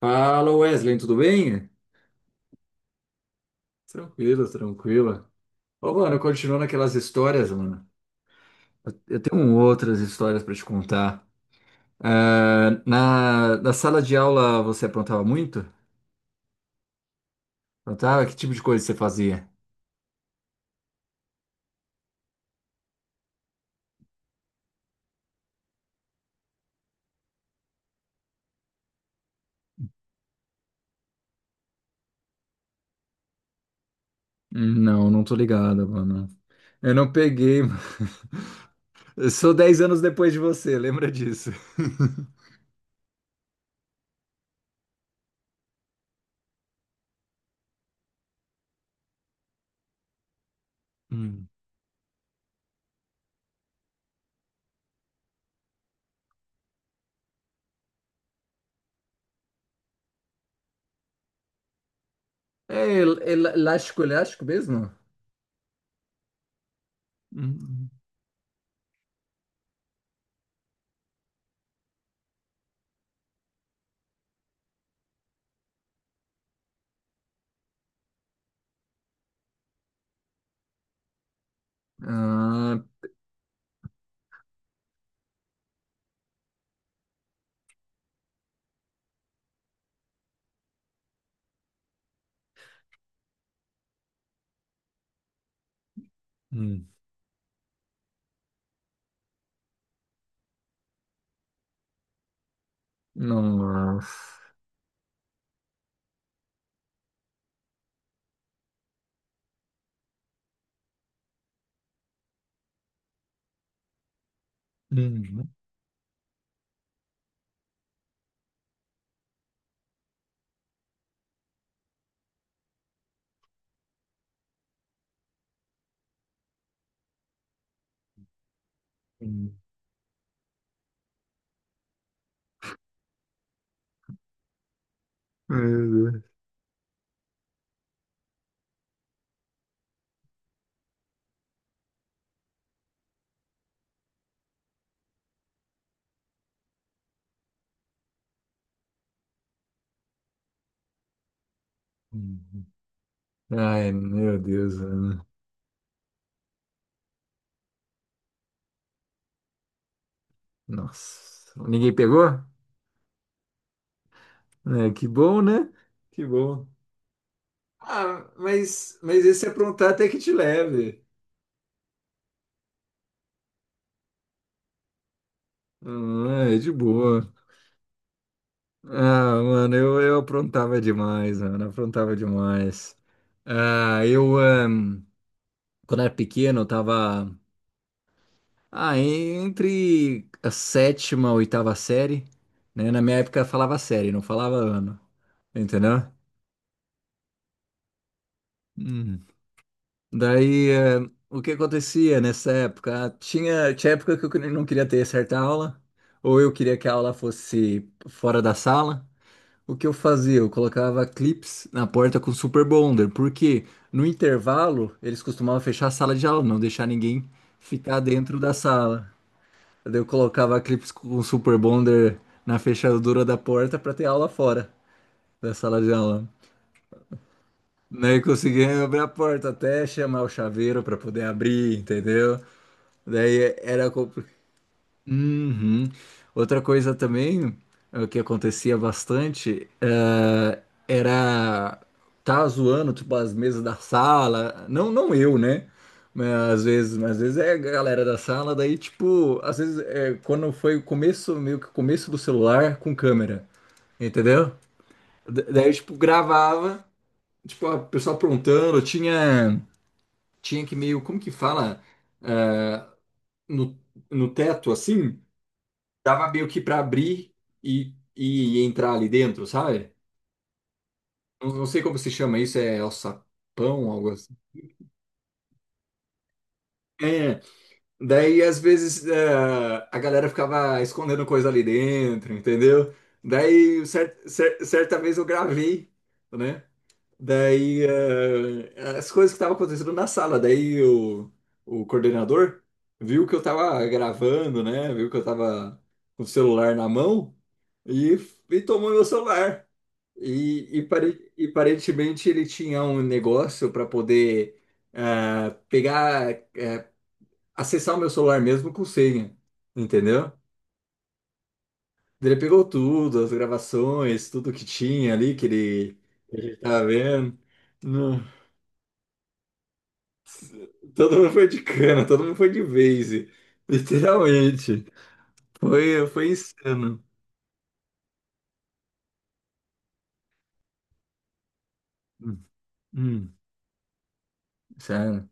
Fala, Wesley, tudo bem? Tranquilo, tranquilo. Ô, mano, continuando aquelas histórias, mano. Eu tenho um outras histórias pra te contar. Ah, na sala de aula você aprontava muito? Aprontava? Que tipo de coisa você fazia? Não, não tô ligado, mano. Eu não peguei, mano. Eu sou 10 anos depois de você, lembra disso? Hum. É elástico, elástico mesmo? Hum. Ah, hum, não. Hum. Meu Deus. Hum. Ai, meu Deus, Ana. Nossa. Ninguém pegou? É, que bom, né? Que bom. Ah, mas esse aprontar até que te leve. Ah, é de boa. Ah, mano, eu aprontava demais, mano. Aprontava demais. Ah, eu, ah, quando era pequeno, eu tava, ah, entre a sétima e oitava série, né? Na minha época falava série, não falava ano, entendeu? Uhum. Daí, o que acontecia nessa época? Ah, tinha, tinha época que eu não queria ter certa aula, ou eu queria que a aula fosse fora da sala. O que eu fazia? Eu colocava clips na porta com Super Bonder, porque no intervalo eles costumavam fechar a sala de aula, não deixar ninguém ficar dentro da sala. Daí eu colocava clips com Super Bonder na fechadura da porta para ter aula fora da sala de aula. Daí conseguia abrir a porta até chamar o chaveiro para poder abrir, entendeu? Daí era Uhum. Outra coisa também, que acontecia bastante, era. Tá zoando, tipo, as mesas da sala. Não, não eu, né? Mas às vezes é a galera da sala, daí, tipo, às vezes é quando foi o começo, meio que o começo do celular com câmera, entendeu? Daí, tipo, gravava, tipo, a pessoa aprontando, tinha, tinha que meio, como que fala? Eh, no no teto assim, dava meio que para abrir e entrar ali dentro, sabe? Não, não sei como se chama isso, é alçapão, algo assim. É, daí às vezes é, a galera ficava escondendo coisa ali dentro, entendeu? Daí certa vez eu gravei, né? Daí, as coisas que estavam acontecendo na sala, daí o coordenador viu que eu tava gravando, né? Viu que eu tava com o celular na mão e, e tomou meu celular. E, e aparentemente ele tinha um negócio para poder ah, pegar, acessar o meu celular mesmo com senha, entendeu? Ele pegou tudo, as gravações, tudo que tinha ali que ele, que a gente tava vendo. Todo mundo foi de cana, todo mundo foi de vase. Literalmente. Foi, foi insano. Hum, hum, sério.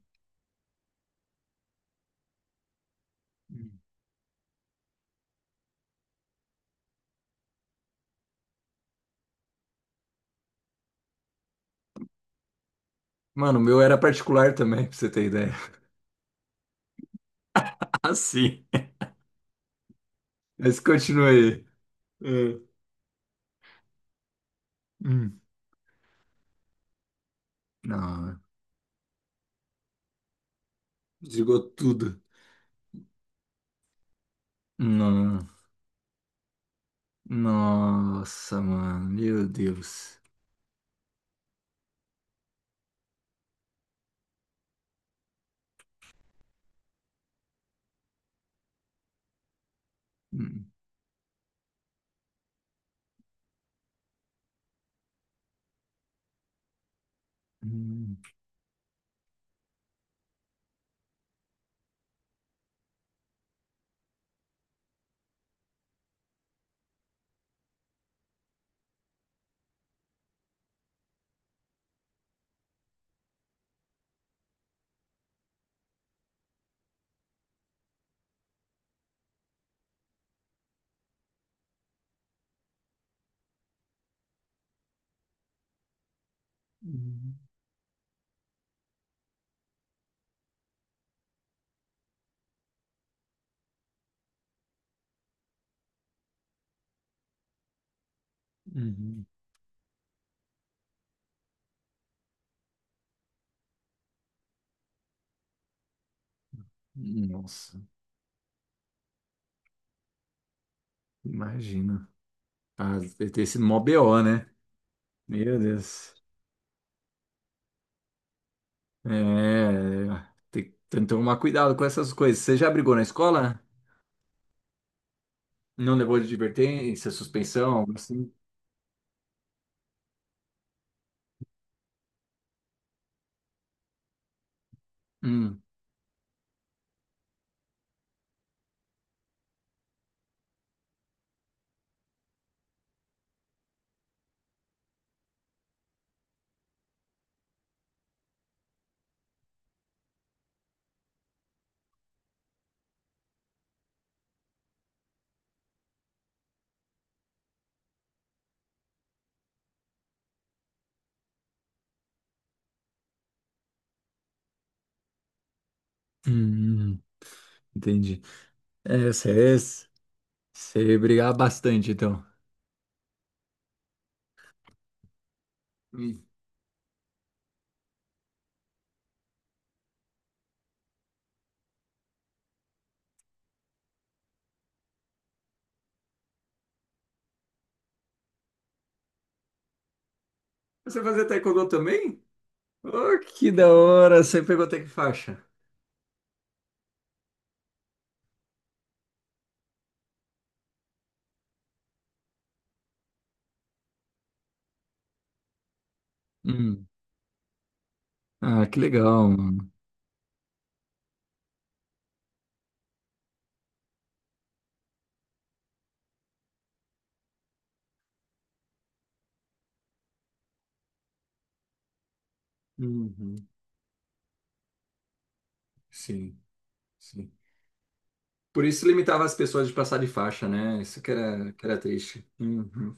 Mano, o meu era particular também, pra você ter ideia. Ah, sim. Mas continua aí. É. Hum. Não, desligou tudo. Não. Nossa, mano, meu Deus. Hum, hum, hum, hum. Nossa, imagina. Ah, deve ter sido mó BO, né? Meu Deus. É, tem, tem que tomar cuidado com essas coisas. Você já brigou na escola? Não levou de advertência, suspensão, algo assim? Hum, Hum, entendi. É, você, você brigava bastante, então. Hum. Você fazia taekwondo também? Oh, que da hora! Você pegou até que faixa? Hum. Ah, que legal, mano. Uhum. Sim, sim. Por isso limitava as pessoas de passar de faixa, né? Isso que era triste. Uhum.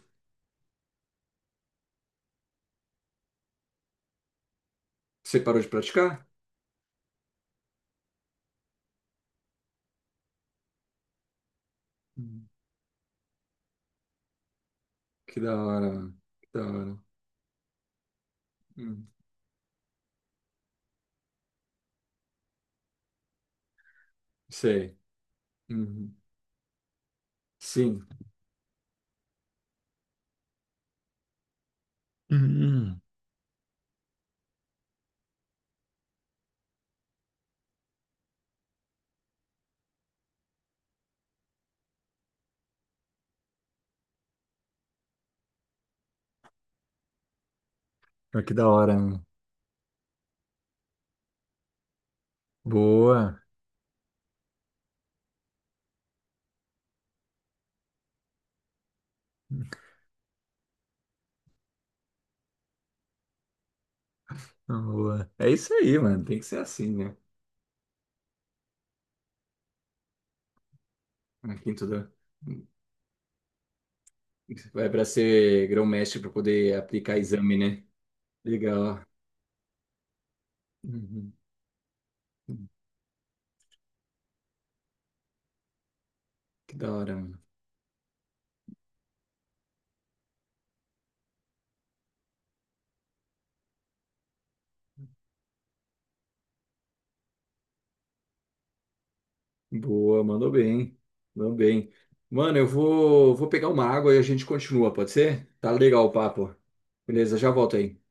Você parou de praticar? Que da hora, que da hora. Hum, sei. Uhum. Sim. Hum, mas que da hora, mano. Boa, boa. É isso aí, mano. Tem que ser assim, né? Aqui em tudo. Vai para ser grão-mestre para poder aplicar exame, né? Legal. Uhum. Que da hora, mano. Boa, mandou bem. Mandou bem. Mano, vou pegar uma água e a gente continua, pode ser? Tá legal o papo. Beleza, já volto aí.